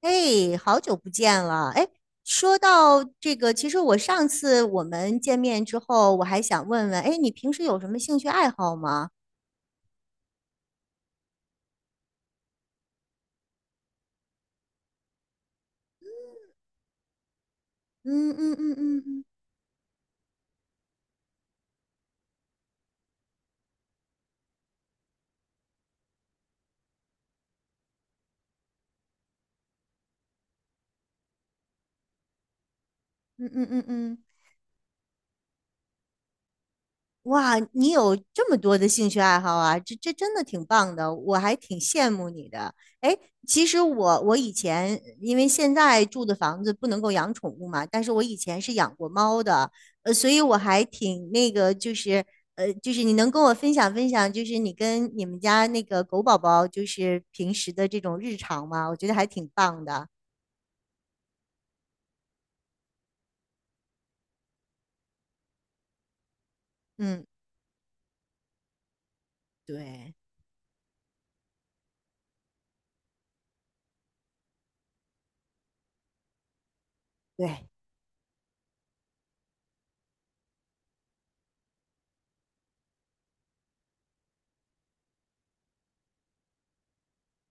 哎，好久不见了！哎，说到这个，其实我上次我们见面之后，我还想问问，哎，你平时有什么兴趣爱好吗？嗯嗯嗯嗯嗯嗯嗯嗯嗯。哇，你有这么多的兴趣爱好啊，这真的挺棒的，我还挺羡慕你的。哎，其实我以前因为现在住的房子不能够养宠物嘛，但是我以前是养过猫的，所以我还挺那个，就是就是你能跟我分享分享，就是你跟你们家那个狗宝宝就是平时的这种日常吗？我觉得还挺棒的。嗯，对对，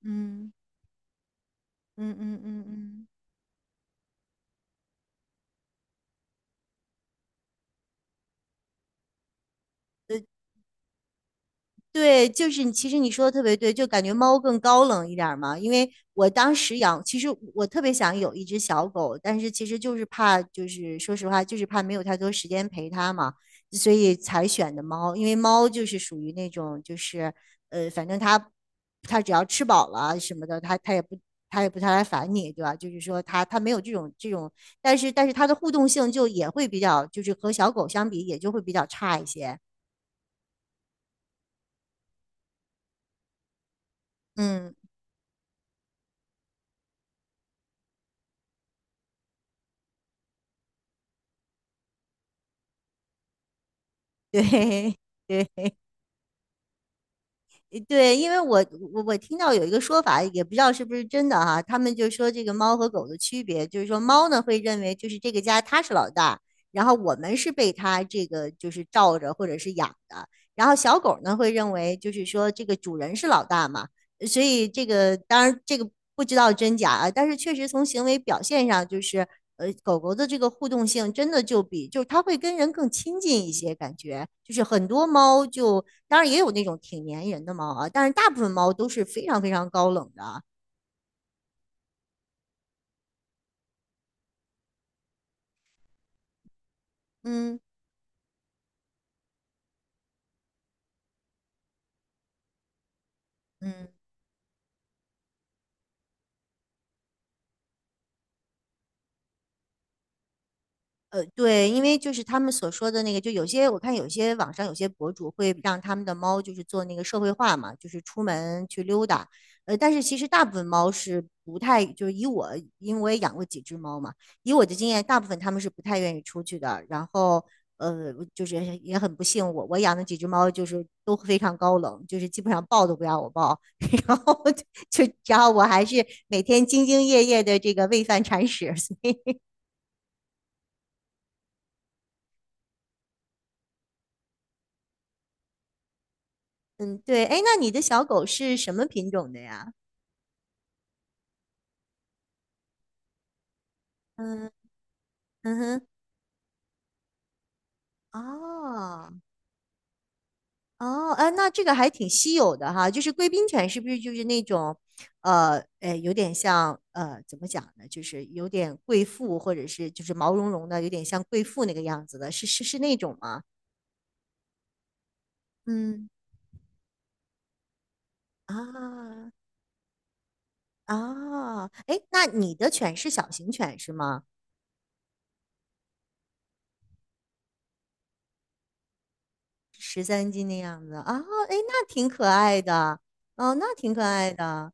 嗯嗯嗯嗯嗯。嗯对，就是你，其实你说的特别对，就感觉猫更高冷一点儿嘛。因为我当时养，其实我特别想有一只小狗，但是其实就是怕，就是说实话，就是怕没有太多时间陪它嘛，所以才选的猫。因为猫就是属于那种，就是反正它只要吃饱了什么的，它也不太来烦你，对吧？就是说它没有这种，但是它的互动性就也会比较，就是和小狗相比也就会比较差一些。嗯，对 对。对，因为我听到有一个说法，也不知道是不是真的哈，他们就说这个猫和狗的区别，就是说猫呢会认为就是这个家它是老大，然后我们是被它这个就是罩着或者是养的，然后小狗呢会认为就是说这个主人是老大嘛，所以这个当然这个不知道真假啊，但是确实从行为表现上就是狗狗的这个互动性真的就是它会跟人更亲近一些感觉，就是很多猫就。当然也有那种挺粘人的猫啊，但是大部分猫都是非常非常高冷的啊。嗯嗯。呃，对，因为就是他们所说的那个，就有些我看有些网上有些博主会让他们的猫就是做那个社会化嘛，就是出门去溜达。但是其实大部分猫是不太，就是以我，因为我也养过几只猫嘛，以我的经验，大部分它们是不太愿意出去的。然后，就是也很不幸，我养的几只猫就是都非常高冷，就是基本上抱都不让我抱，然后就，然后我还是每天兢兢业业的这个喂饭铲屎，嗯，对，哎，那你的小狗是什么品种的呀？嗯嗯哼，哦哦，哎，那这个还挺稀有的哈，就是贵宾犬是不是就是那种，哎，有点像怎么讲呢？就是有点贵妇，或者是就是毛茸茸的，有点像贵妇那个样子的，是那种吗？嗯啊啊，哎，那你的犬是小型犬是吗？十三斤的样子啊，哎，那挺可爱的，哦，那挺可爱的。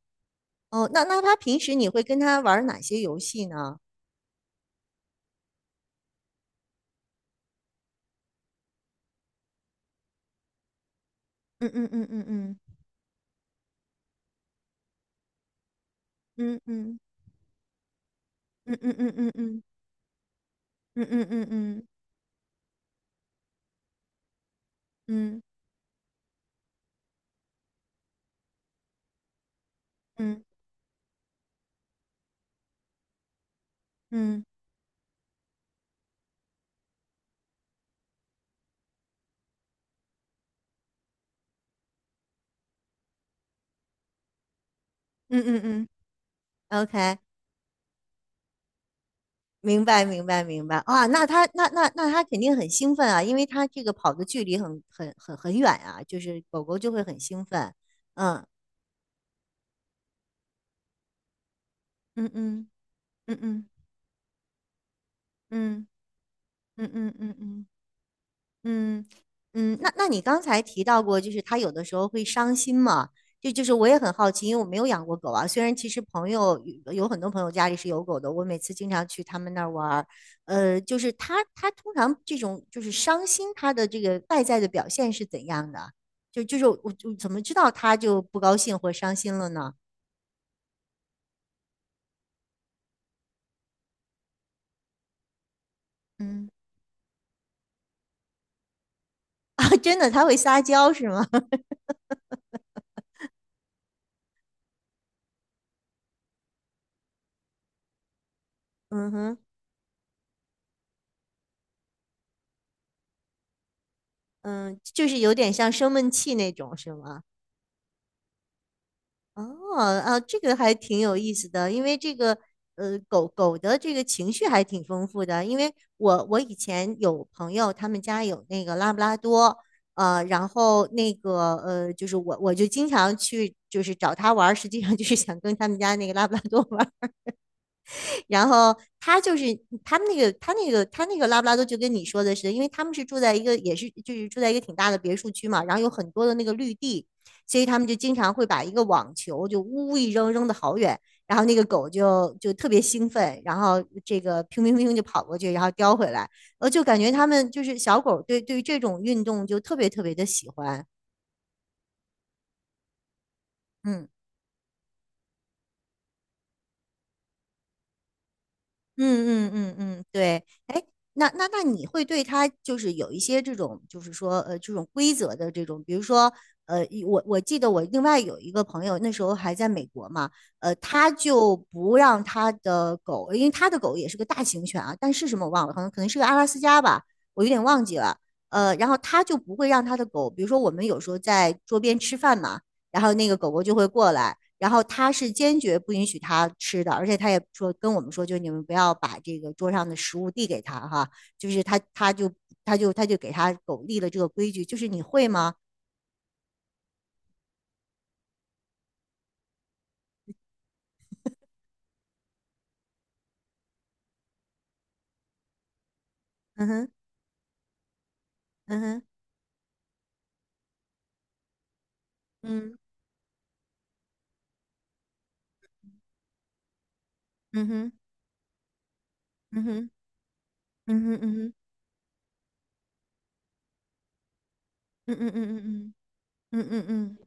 哦，那他平时你会跟他玩儿哪些游戏呢？嗯嗯嗯嗯嗯嗯嗯嗯嗯嗯嗯嗯嗯嗯嗯嗯嗯嗯嗯嗯。OK，明白明白明白啊，那他肯定很兴奋啊，因为他这个跑的距离很远啊，就是狗狗就会很兴奋。嗯，嗯嗯嗯嗯嗯嗯嗯嗯嗯嗯嗯嗯，那你刚才提到过，就是它有的时候会伤心嘛？就是我也很好奇，因为我没有养过狗啊。虽然其实朋友有很多朋友家里是有狗的，我每次经常去他们那儿玩儿，就是它通常这种就是伤心，它的这个外在的表现是怎样的？就是我怎么知道它就不高兴或伤心了呢？嗯 啊，真的，它会撒娇是吗？嗯哼，嗯，就是有点像生闷气那种是吗？哦，啊，这个还挺有意思的，因为这个狗狗的这个情绪还挺丰富的。因为我以前有朋友，他们家有那个拉布拉多，然后那个就是我就经常去就是找他玩儿实际上就是想跟他们家那个拉布拉多玩然后他就是他们那个他那个他那个拉布拉多就跟你说的是，因为他们是住在一个也是就是住在一个挺大的别墅区嘛，然后有很多的那个绿地，所以他们就经常会把一个网球就呜呜一扔扔的好远，然后那个狗就特别兴奋，然后这个乒乒乒就跑过去，然后叼回来，就感觉他们就是小狗对这种运动就特别特别的喜欢，嗯。嗯嗯嗯嗯，对，哎，那你会对他就是有一些这种，就是说这种规则的这种，比如说我记得我另外有一个朋友那时候还在美国嘛，他就不让他的狗，因为他的狗也是个大型犬啊，但是什么我忘了，可能是个阿拉斯加吧，我有点忘记了，然后他就不会让他的狗，比如说我们有时候在桌边吃饭嘛，然后那个狗狗就会过来。然后他是坚决不允许他吃的，而且他也说跟我们说，就你们不要把这个桌上的食物递给他哈，就是他就给他狗立了这个规矩，就是你会吗？嗯哼，嗯哼，嗯嗯哼，嗯哼，嗯哼，嗯哼，嗯嗯嗯嗯嗯嗯嗯嗯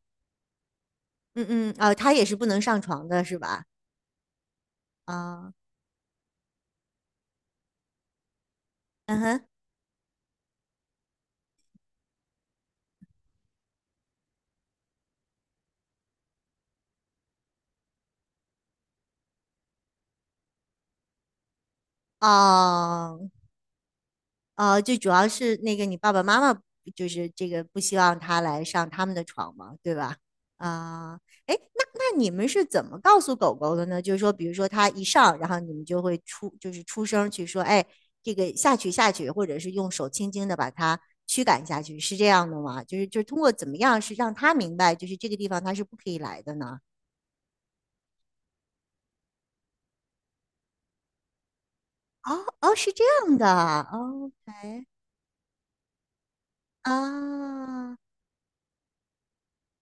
嗯嗯，啊，他也是不能上床的是吧？啊，嗯哼，哦。最主要是那个你爸爸妈妈就是这个不希望他来上他们的床嘛，对吧？啊，诶哎，那你们是怎么告诉狗狗的呢？就是说，比如说它一上，然后你们就会出就是出声去说，哎，这个下去下去，或者是用手轻轻的把它驱赶下去，是这样的吗？就是通过怎么样是让它明白，就是这个地方它是不可以来的呢？哦哦，是这样的，OK 啊。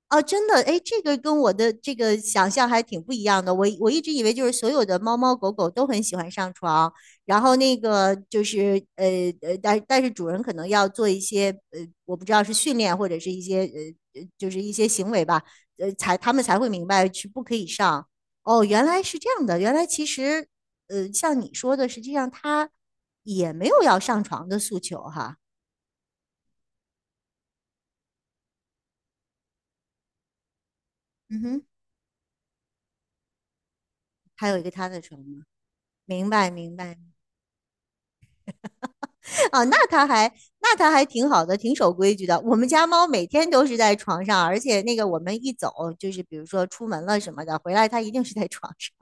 哦，真的，哎，这个跟我的这个想象还挺不一样的。我一直以为就是所有的猫猫狗狗都很喜欢上床，然后那个就是但是主人可能要做一些我不知道是训练或者是一些就是一些行为吧，他们才会明白是不可以上。哦，原来是这样的，原来其实像你说的，实际上它也没有要上床的诉求哈。嗯哼。还有一个它的床吗？明白，明白。哦，那他还挺好的，挺守规矩的。我们家猫每天都是在床上，而且那个我们一走，就是比如说出门了什么的，回来它一定是在床上。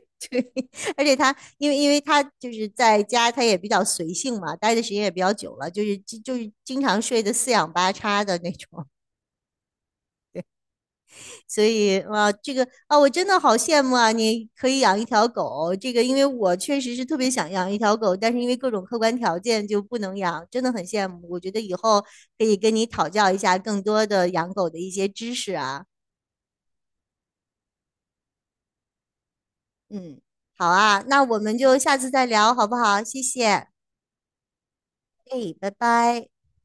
对，而且它因为它就是在家，它也比较随性嘛，待的时间也比较久了，就是经常睡的四仰八叉的那种。所以哇，这个啊，我真的好羡慕啊！你可以养一条狗，这个因为我确实是特别想养一条狗，但是因为各种客观条件就不能养，真的很羡慕。我觉得以后可以跟你讨教一下更多的养狗的一些知识啊。嗯，好啊，那我们就下次再聊，好不好？谢谢，哎，拜拜。